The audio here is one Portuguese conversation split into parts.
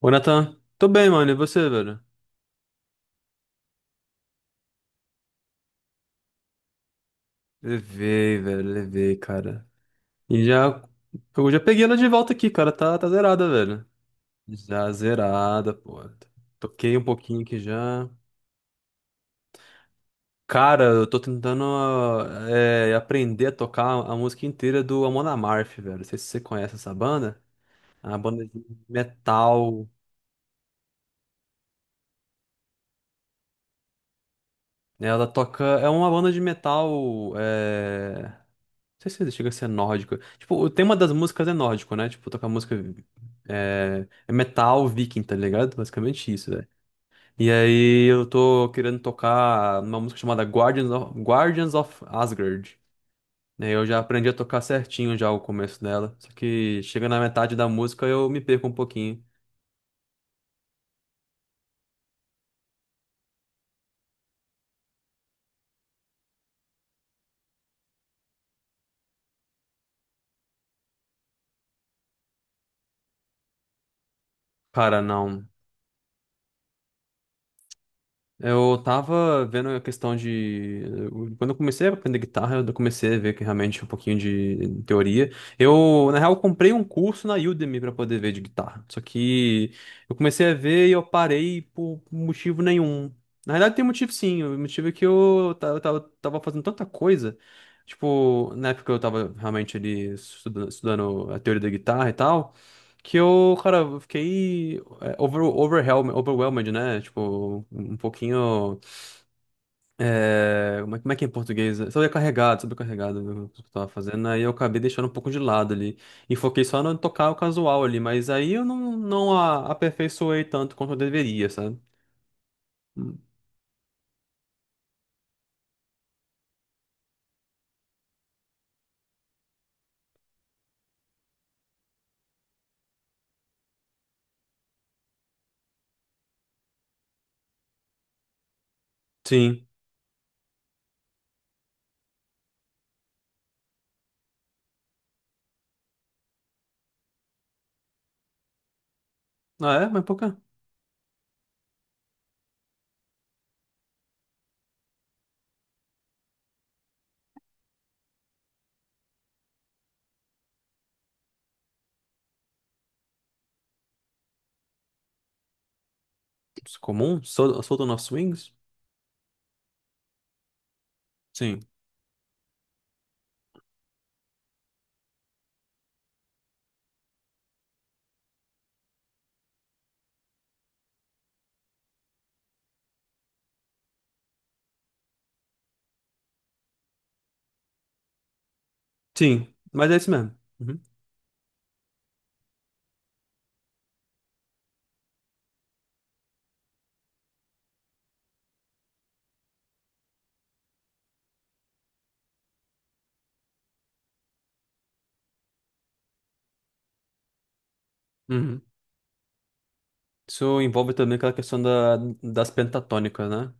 Ô, Nathan, tô bem, mano. E você, velho? Levei, velho, levei, cara. E já. Eu já peguei ela de volta aqui, cara. Tá, tá zerada, velho. Já zerada, pô. Toquei um pouquinho aqui já. Cara, eu tô tentando aprender a tocar a música inteira do Amon Amarth, velho. Não sei se você conhece essa banda. É uma banda de metal. Né? Ela toca. É uma banda de metal. Não sei se chega a ser nórdico. Tipo, o tema das músicas é nórdico, né? Tipo, tocar música é metal viking, tá ligado? Basicamente isso, né? E aí eu tô querendo tocar uma música chamada Guardians of Asgard. Né? Eu já aprendi a tocar certinho já o começo dela. Só que chega na metade da música eu me perco um pouquinho. Cara, não. Eu tava vendo a questão de. Quando eu comecei a aprender guitarra, eu comecei a ver que realmente um pouquinho de teoria. Eu, na real, eu comprei um curso na Udemy pra poder ver de guitarra. Só que eu comecei a ver e eu parei por motivo nenhum. Na realidade, tem motivo sim. O motivo é que eu tava fazendo tanta coisa. Tipo, na época eu tava realmente ali estudando, estudando a teoria da guitarra e tal. Que eu, cara, eu fiquei. Overwhelmed, né? Tipo, um pouquinho. Como é que é em português? Sobrecarregado, sobrecarregado do que eu tava fazendo. Aí eu acabei deixando um pouco de lado ali. E foquei só no tocar o casual ali. Mas aí eu não aperfeiçoei tanto quanto eu deveria, sabe? Hum. Sim. Ah, é? Mas por quê? Isso é comum? Solta nos swings? Sim. Sim. Mas é isso mesmo. Uhum. Uhum. Isso envolve também aquela questão das pentatônicas, né?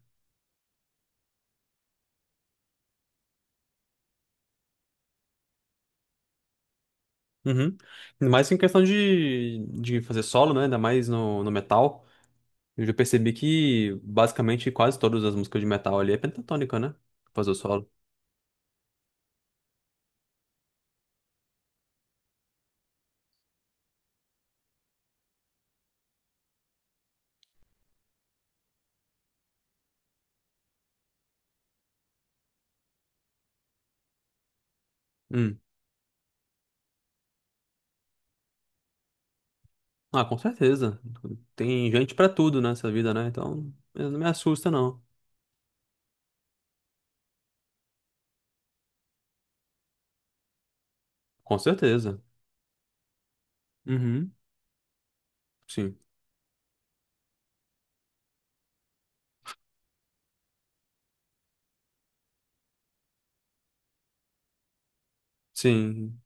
Uhum. Ainda mais em questão de fazer solo, né? Ainda mais no metal. Eu já percebi que basicamente quase todas as músicas de metal ali é pentatônica, né? Fazer o solo. Hum. Ah, com certeza. Tem gente pra tudo nessa vida, né? Então, não me assusta, não. Com certeza. Uhum. Sim. Sim.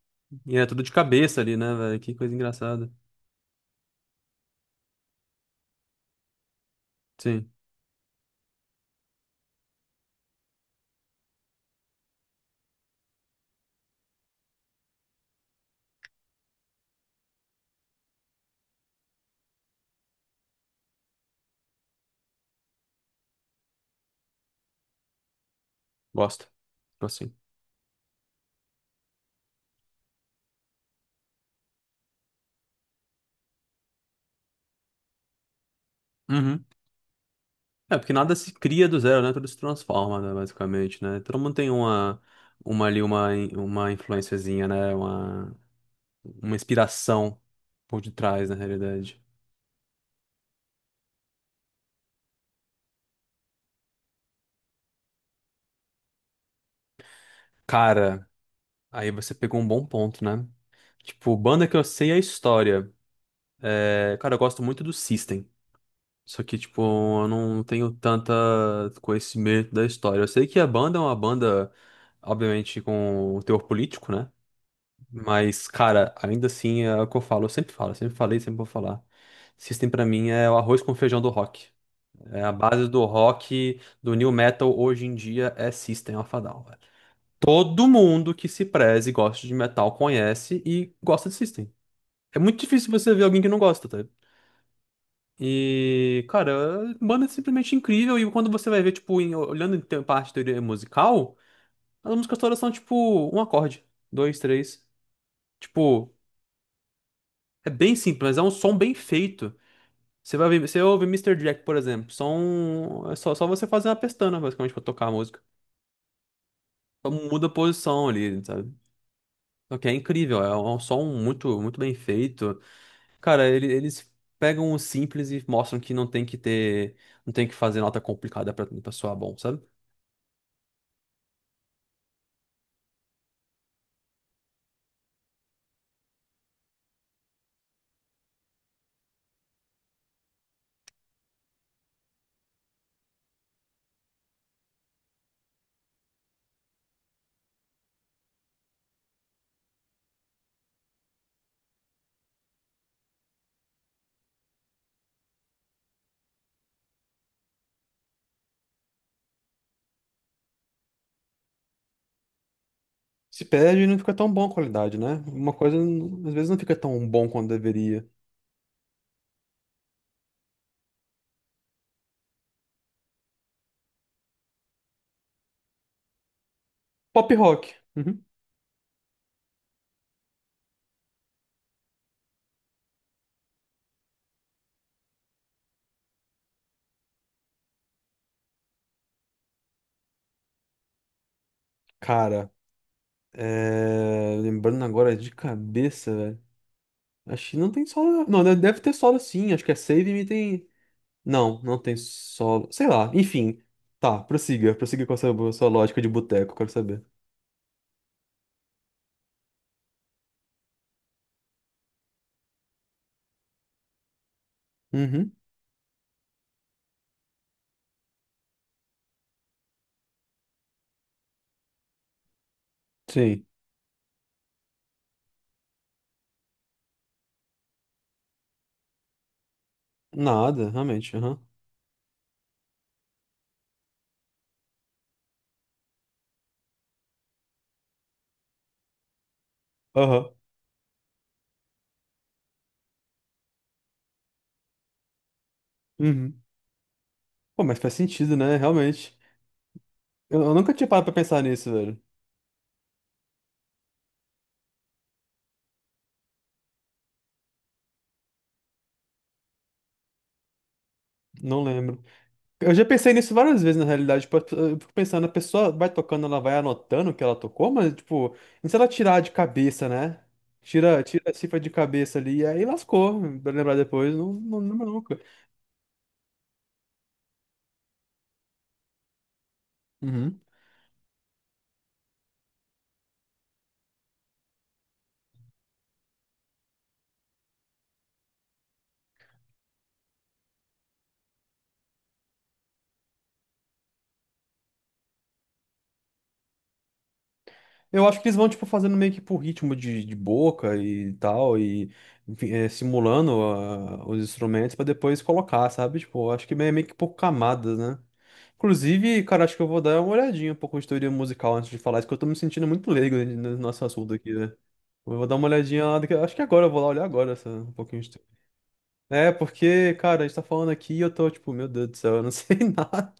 E é tudo de cabeça ali, né, velho? Que coisa engraçada. Sim. Gosto. Gosto sim. Uhum. É, porque nada se cria do zero, né? Tudo se transforma, né, basicamente, né? Todo mundo tem uma influenciazinha, né? Uma inspiração por detrás, na realidade. Cara, aí você pegou um bom ponto, né? Tipo, banda que eu sei é a história. É, cara, eu gosto muito do System. Só que, tipo, eu não tenho tanta conhecimento da história. Eu sei que a banda é uma banda, obviamente, com o teor político, né? Mas, cara, ainda assim é o que eu falo, eu sempre falei, sempre vou falar. System pra mim é o arroz com feijão do rock. É a base do rock, do new metal hoje em dia é System of a Down, velho. Todo mundo que se preze e gosta de metal conhece e gosta de System. É muito difícil você ver alguém que não gosta, tá? E, cara, banda é simplesmente incrível e quando você vai ver, tipo, olhando parte de teoria musical, as músicas todas são tipo um acorde, dois, três. Tipo, é bem simples, mas é um som bem feito. Você vai ver, você ouve Mister Jack, por exemplo, som, é só você fazer uma pestana, basicamente, pra tocar a música. Só muda a posição ali, sabe? Só que é incrível, é um som muito, muito bem feito. Cara, eles pegam o simples e mostram que não tem que ter, não tem que fazer nota complicada pra soar bom, sabe? Se perde e não fica tão bom a qualidade, né? Uma coisa, às vezes, não fica tão bom quanto deveria. Pop rock. Uhum. Cara, lembrando agora de cabeça, velho. A China não tem solo. Não, deve ter solo sim. Acho que a Save Me tem. Não, não tem solo. Sei lá, enfim. Tá, prossiga. Prossiga com a sua lógica de boteco, quero saber. Uhum. Sim. Nada, realmente. Aham. Aham. Uhum. Pô, mas faz sentido, né? Realmente. Eu nunca tinha parado pra pensar nisso, velho. Não lembro. Eu já pensei nisso várias vezes, na realidade. Tipo, eu fico pensando, a pessoa vai tocando, ela vai anotando o que ela tocou, mas, tipo, e se ela tirar de cabeça, né? Tira, tira a cifra de cabeça ali, e aí lascou, pra lembrar depois, não, não lembra nunca. Uhum. Eu acho que eles vão, tipo, fazendo meio que por ritmo de boca e tal, e enfim, simulando os instrumentos pra depois colocar, sabe? Tipo, eu acho que meio que por camadas, né? Inclusive, cara, acho que eu vou dar uma olhadinha um pouco de teoria musical antes de falar isso, que eu tô me sentindo muito leigo no nosso assunto aqui, né? Eu vou dar uma olhadinha lá, acho que agora, eu vou lá olhar agora essa, um pouquinho de teoria. É, porque, cara, a gente tá falando aqui e eu tô, tipo, meu Deus do céu, eu não sei nada.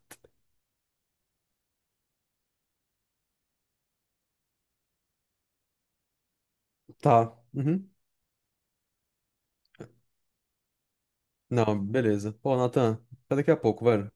Tá, uhum. Não, beleza. Pô, Nathan, até daqui a pouco, velho.